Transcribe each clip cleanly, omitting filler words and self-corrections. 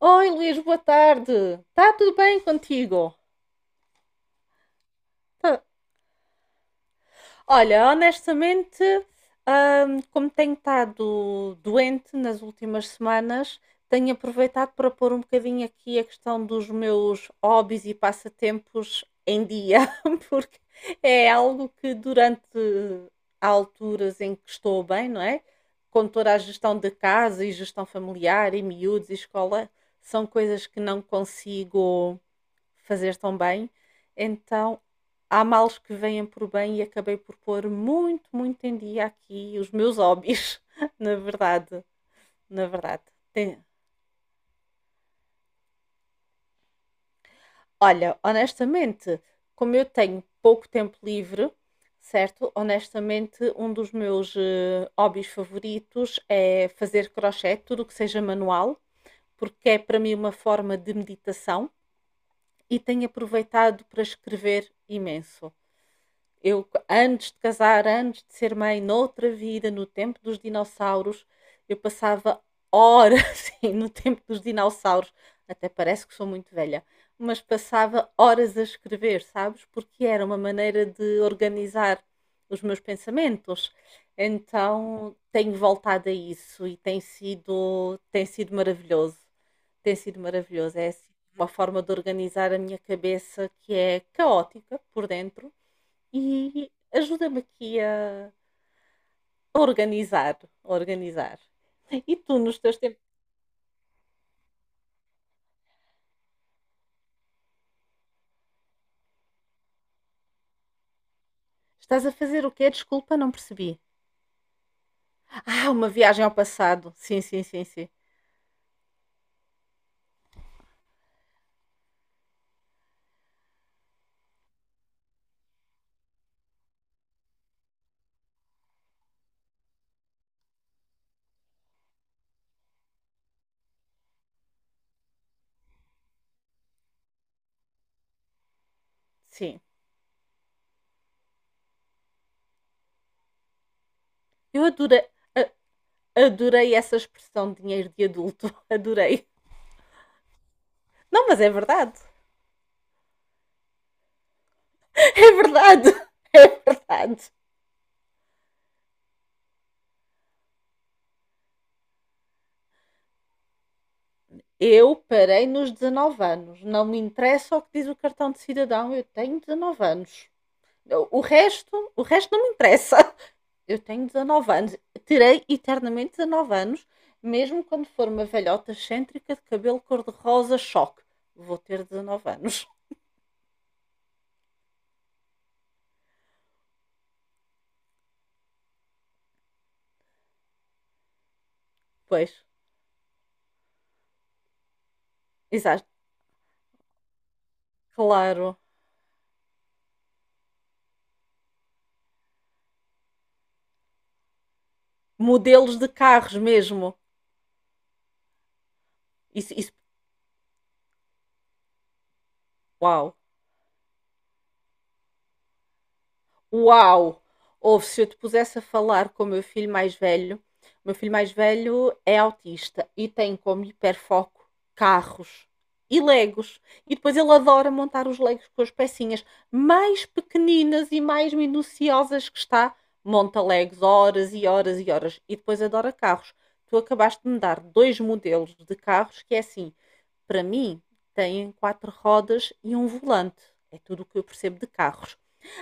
Oi Luís, boa tarde. Está tudo bem contigo? Tá. Olha, honestamente, como tenho estado doente nas últimas semanas, tenho aproveitado para pôr um bocadinho aqui a questão dos meus hobbies e passatempos em dia, porque é algo que durante há alturas em que estou bem, não é? Com toda a gestão de casa e gestão familiar e miúdos e escola, são coisas que não consigo fazer tão bem. Então, há males que vêm por bem e acabei por pôr muito, muito em dia aqui os meus hobbies, na verdade, na verdade. Tem- Olha, honestamente, como eu tenho pouco tempo livre, certo? Honestamente, um dos meus hobbies favoritos é fazer crochê, tudo o que seja manual, porque é para mim uma forma de meditação e tenho aproveitado para escrever imenso. Eu, antes de casar, antes de ser mãe, noutra vida, no tempo dos dinossauros, eu passava horas sim, no tempo dos dinossauros. Até parece que sou muito velha, mas passava horas a escrever, sabes? Porque era uma maneira de organizar os meus pensamentos. Então tenho voltado a isso e tem sido maravilhoso. Tem sido maravilhoso. É assim, uma forma de organizar a minha cabeça que é caótica por dentro, e ajuda-me aqui a organizar, a organizar. E tu, nos teus tempos, estás a fazer o quê? Desculpa, não percebi. Ah, uma viagem ao passado. Sim, sim, sim, sim. Sim. Eu adorei, a- adorei essa expressão de dinheiro de adulto. Adorei. Não, mas é verdade. É verdade. É verdade. Eu parei nos 19 anos. Não me interessa o que diz o cartão de cidadão. Eu tenho 19 anos. O resto não me interessa. Eu tenho 19 anos. Terei eternamente 19 anos, mesmo quando for uma velhota excêntrica de cabelo cor-de-rosa choque. Vou ter 19 anos. Pois, exato. Claro. Modelos de carros mesmo. Isso, uau. Uau! Ouve, se eu te pusesse a falar com o meu filho mais velho, o meu filho mais velho é autista e tem como hiperfoco carros e legos. E depois ele adora montar os legos com as pecinhas mais pequeninas e mais minuciosas que está. Monta legos horas e horas e horas. E depois adora carros. Tu acabaste de me dar dois modelos de carros que é assim: para mim, têm quatro rodas e um volante. É tudo o que eu percebo de carros.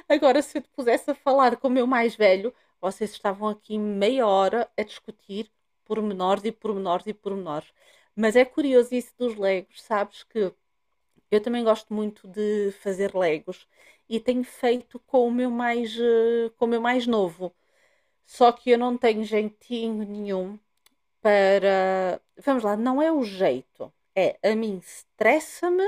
Agora, se eu te pusesse a falar com o meu mais velho, vocês estavam aqui meia hora a discutir pormenores e pormenores e pormenores. Mas é curioso isso dos Legos, sabes que eu também gosto muito de fazer Legos e tenho feito com o meu mais novo. Só que eu não tenho jeitinho nenhum para. Vamos lá, não é o jeito. É, a mim estressa-me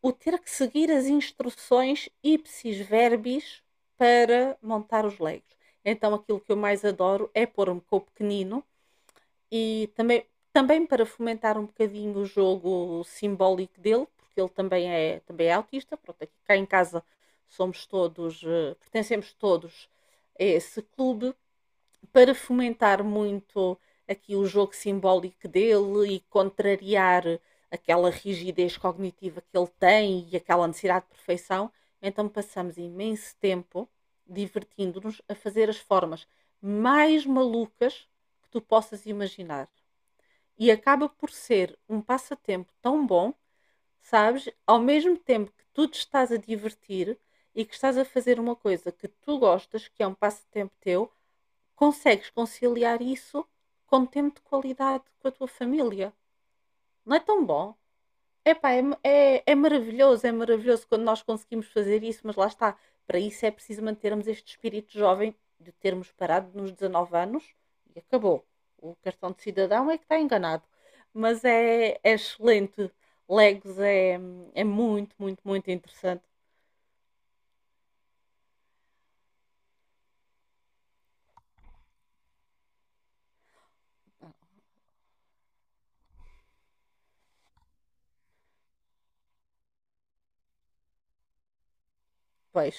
o ter que seguir as instruções ipsis verbis para montar os legos. Então aquilo que eu mais adoro é pôr-me com o pequenino e também para fomentar um bocadinho o jogo simbólico dele, porque ele também é autista. Pronto, aqui cá em casa somos todos, pertencemos todos a esse clube para fomentar muito aqui o jogo simbólico dele e contrariar aquela rigidez cognitiva que ele tem e aquela necessidade de perfeição, então passamos imenso tempo divertindo-nos a fazer as formas mais malucas que tu possas imaginar. E acaba por ser um passatempo tão bom, sabes? Ao mesmo tempo que tu te estás a divertir e que estás a fazer uma coisa que tu gostas, que é um passatempo teu, consegues conciliar isso com tempo de qualidade com a tua família. Não é tão bom? Epá, é maravilhoso quando nós conseguimos fazer isso, mas lá está. Para isso é preciso mantermos este espírito jovem de termos parado nos 19 anos e acabou. O cartão de cidadão é que está enganado. Mas é excelente. Legos é muito, muito, muito interessante. Pois,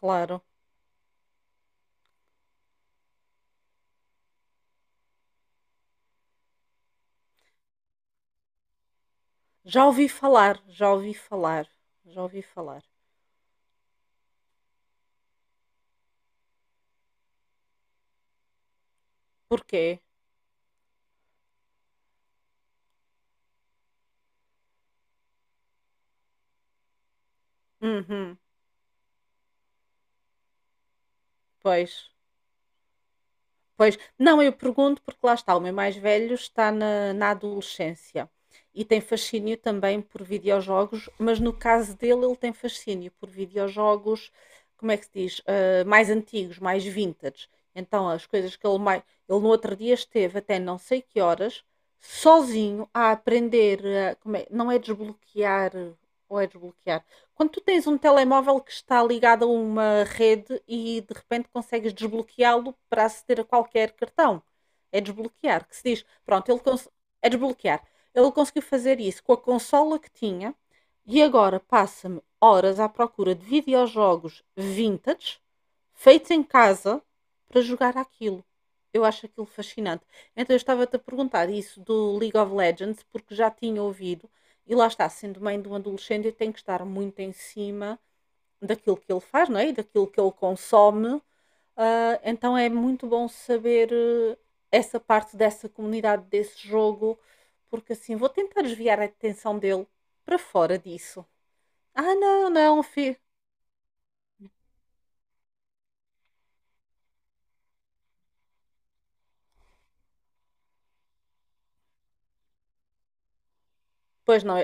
claro. Já ouvi falar, já ouvi falar, já ouvi falar. Porquê? Uhum. Pois, pois. Não, eu pergunto porque lá está, o meu mais velho está na adolescência e tem fascínio também por videojogos, mas no caso dele, ele tem fascínio por videojogos, como é que se diz? Ah, mais antigos, mais vintage. Então, as coisas que ele mais. Ele no outro dia esteve até não sei que horas, sozinho, a aprender. Não é desbloquear, ou é desbloquear? Quando tu tens um telemóvel que está ligado a uma rede e de repente consegues desbloqueá-lo para aceder a qualquer cartão. É desbloquear, que se diz, pronto, é desbloquear. Ele conseguiu fazer isso com a consola que tinha e agora passa-me horas à procura de videojogos vintage feitos em casa para jogar aquilo. Eu acho aquilo fascinante. Então eu estava-te a perguntar isso do League of Legends, porque já tinha ouvido e lá está, sendo mãe de um adolescente, eu tenho que estar muito em cima daquilo que ele faz, não é? E daquilo que ele consome. Ah, então é muito bom saber essa parte dessa comunidade, desse jogo, porque assim vou tentar desviar a atenção dele para fora disso. Ah, não, não, filho. Pois não,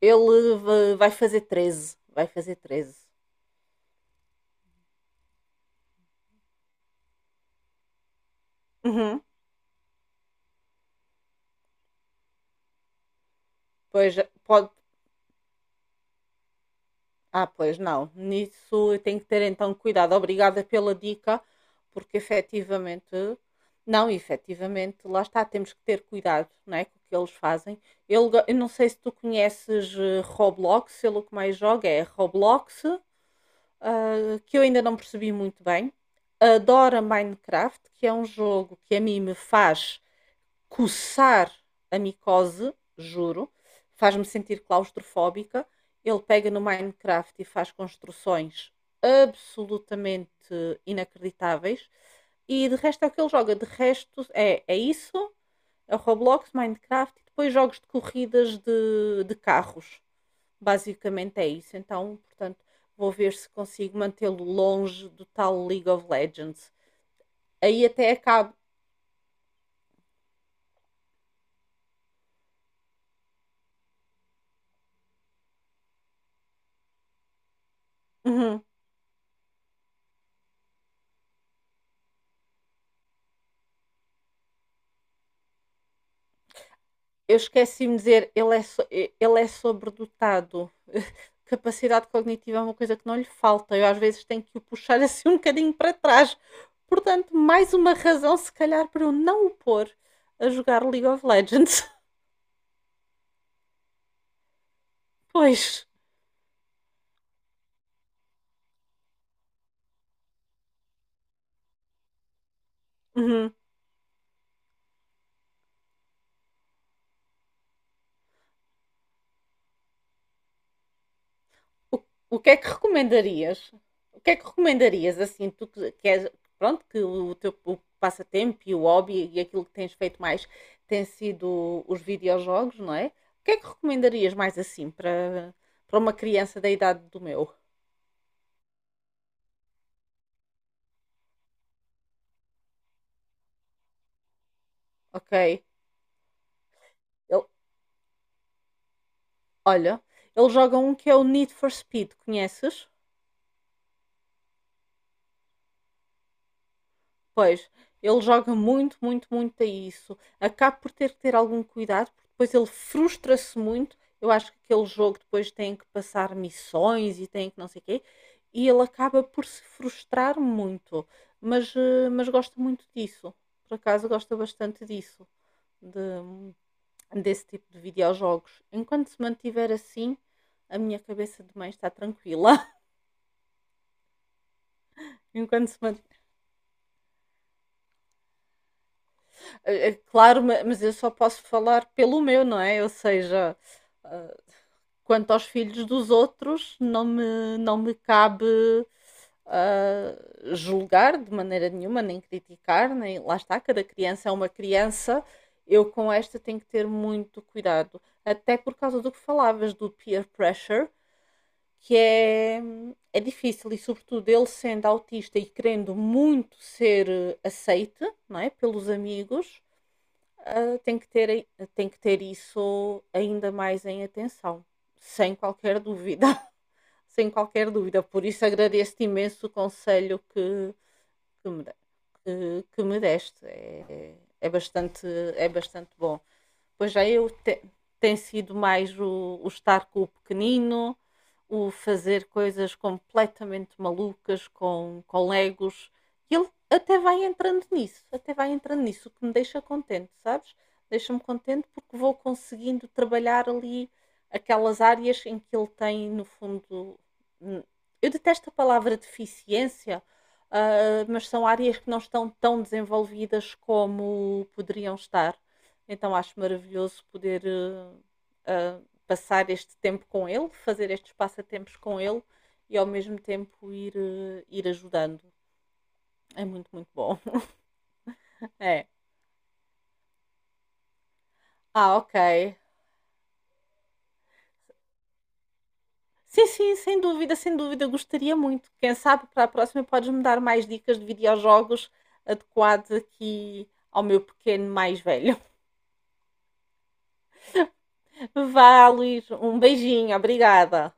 ele vai fazer treze. Uhum. Pois pode, Ah, pois não. Nisso eu tenho que ter então cuidado. Obrigada pela dica, porque efetivamente, não, efetivamente, lá está, temos que ter cuidado, não é, com o que eles fazem. Eu não sei se tu conheces Roblox, ele o que mais joga é Roblox, ah, que eu ainda não percebi muito bem. Adora Minecraft, que é um jogo que a mim me faz coçar a micose, juro, faz-me sentir claustrofóbica. Ele pega no Minecraft e faz construções absolutamente inacreditáveis. E de resto é o que ele joga. De resto é isso, é o Roblox, Minecraft e depois jogos de corridas de carros. Basicamente é isso. Então, portanto, vou ver se consigo mantê-lo longe do tal League of Legends. Aí até acabo. Uhum. Eu esqueci-me de dizer, ele é sobredotado. Capacidade cognitiva é uma coisa que não lhe falta. Eu às vezes tenho que o puxar assim um bocadinho para trás. Portanto, mais uma razão, se calhar, para eu não o pôr a jogar League of Legends. Pois. Uhum. O, o que é que recomendarias? O que é que recomendarias, assim, tu que queres, pronto, que o teu o passatempo e o hobby e aquilo que tens feito mais tem sido os videojogos, não é? O que é que recomendarias mais, assim, para uma criança da idade do meu? Ok? Ele- olha, ele joga um que é o Need for Speed, conheces? Pois, ele joga muito, muito, muito a isso. Acaba por ter que ter algum cuidado, porque depois ele frustra-se muito. Eu acho que aquele jogo depois tem que passar missões e tem que não sei o quê, e ele acaba por se frustrar muito. Mas, mas gosta muito disso. Por acaso gosta bastante disso, de- desse tipo de videojogos. Enquanto se mantiver assim, a minha cabeça de mãe está tranquila. Enquanto se mant... Claro, mas eu só posso falar pelo meu, não é? Ou seja, quanto aos filhos dos outros, não me cabe ah, julgar de maneira nenhuma, nem criticar, nem lá está, cada criança é uma criança. Eu com esta tenho que ter muito cuidado, até por causa do que falavas do peer pressure, que é difícil e sobretudo ele sendo autista e querendo muito ser aceite, não é, pelos amigos, ah, tem que ter tem que ter isso ainda mais em atenção, sem qualquer dúvida sem qualquer dúvida. Por isso agradeço-te imenso o conselho que, me, que me deste. É, bastante, é bastante bom. Pois já eu tem sido mais o estar com o pequenino, o fazer coisas completamente malucas com legos. E ele até vai entrando nisso, até vai entrando nisso, o que me deixa contente, sabes? Deixa-me contente porque vou conseguindo trabalhar ali aquelas áreas em que ele tem, no fundo. hum, Eu detesto a palavra deficiência, mas são áreas que não estão tão desenvolvidas como poderiam estar. Então acho maravilhoso poder ah, passar este tempo com ele, fazer estes passatempos com ele e ao mesmo tempo ir, ir ajudando. É muito, muito bom. É. Ah, ok. Sim, sim, sem dúvida, sem dúvida, gostaria muito. Quem sabe para a próxima podes-me dar mais dicas de videojogos adequados aqui ao meu pequeno mais velho. Vá, Luís, um beijinho, obrigada.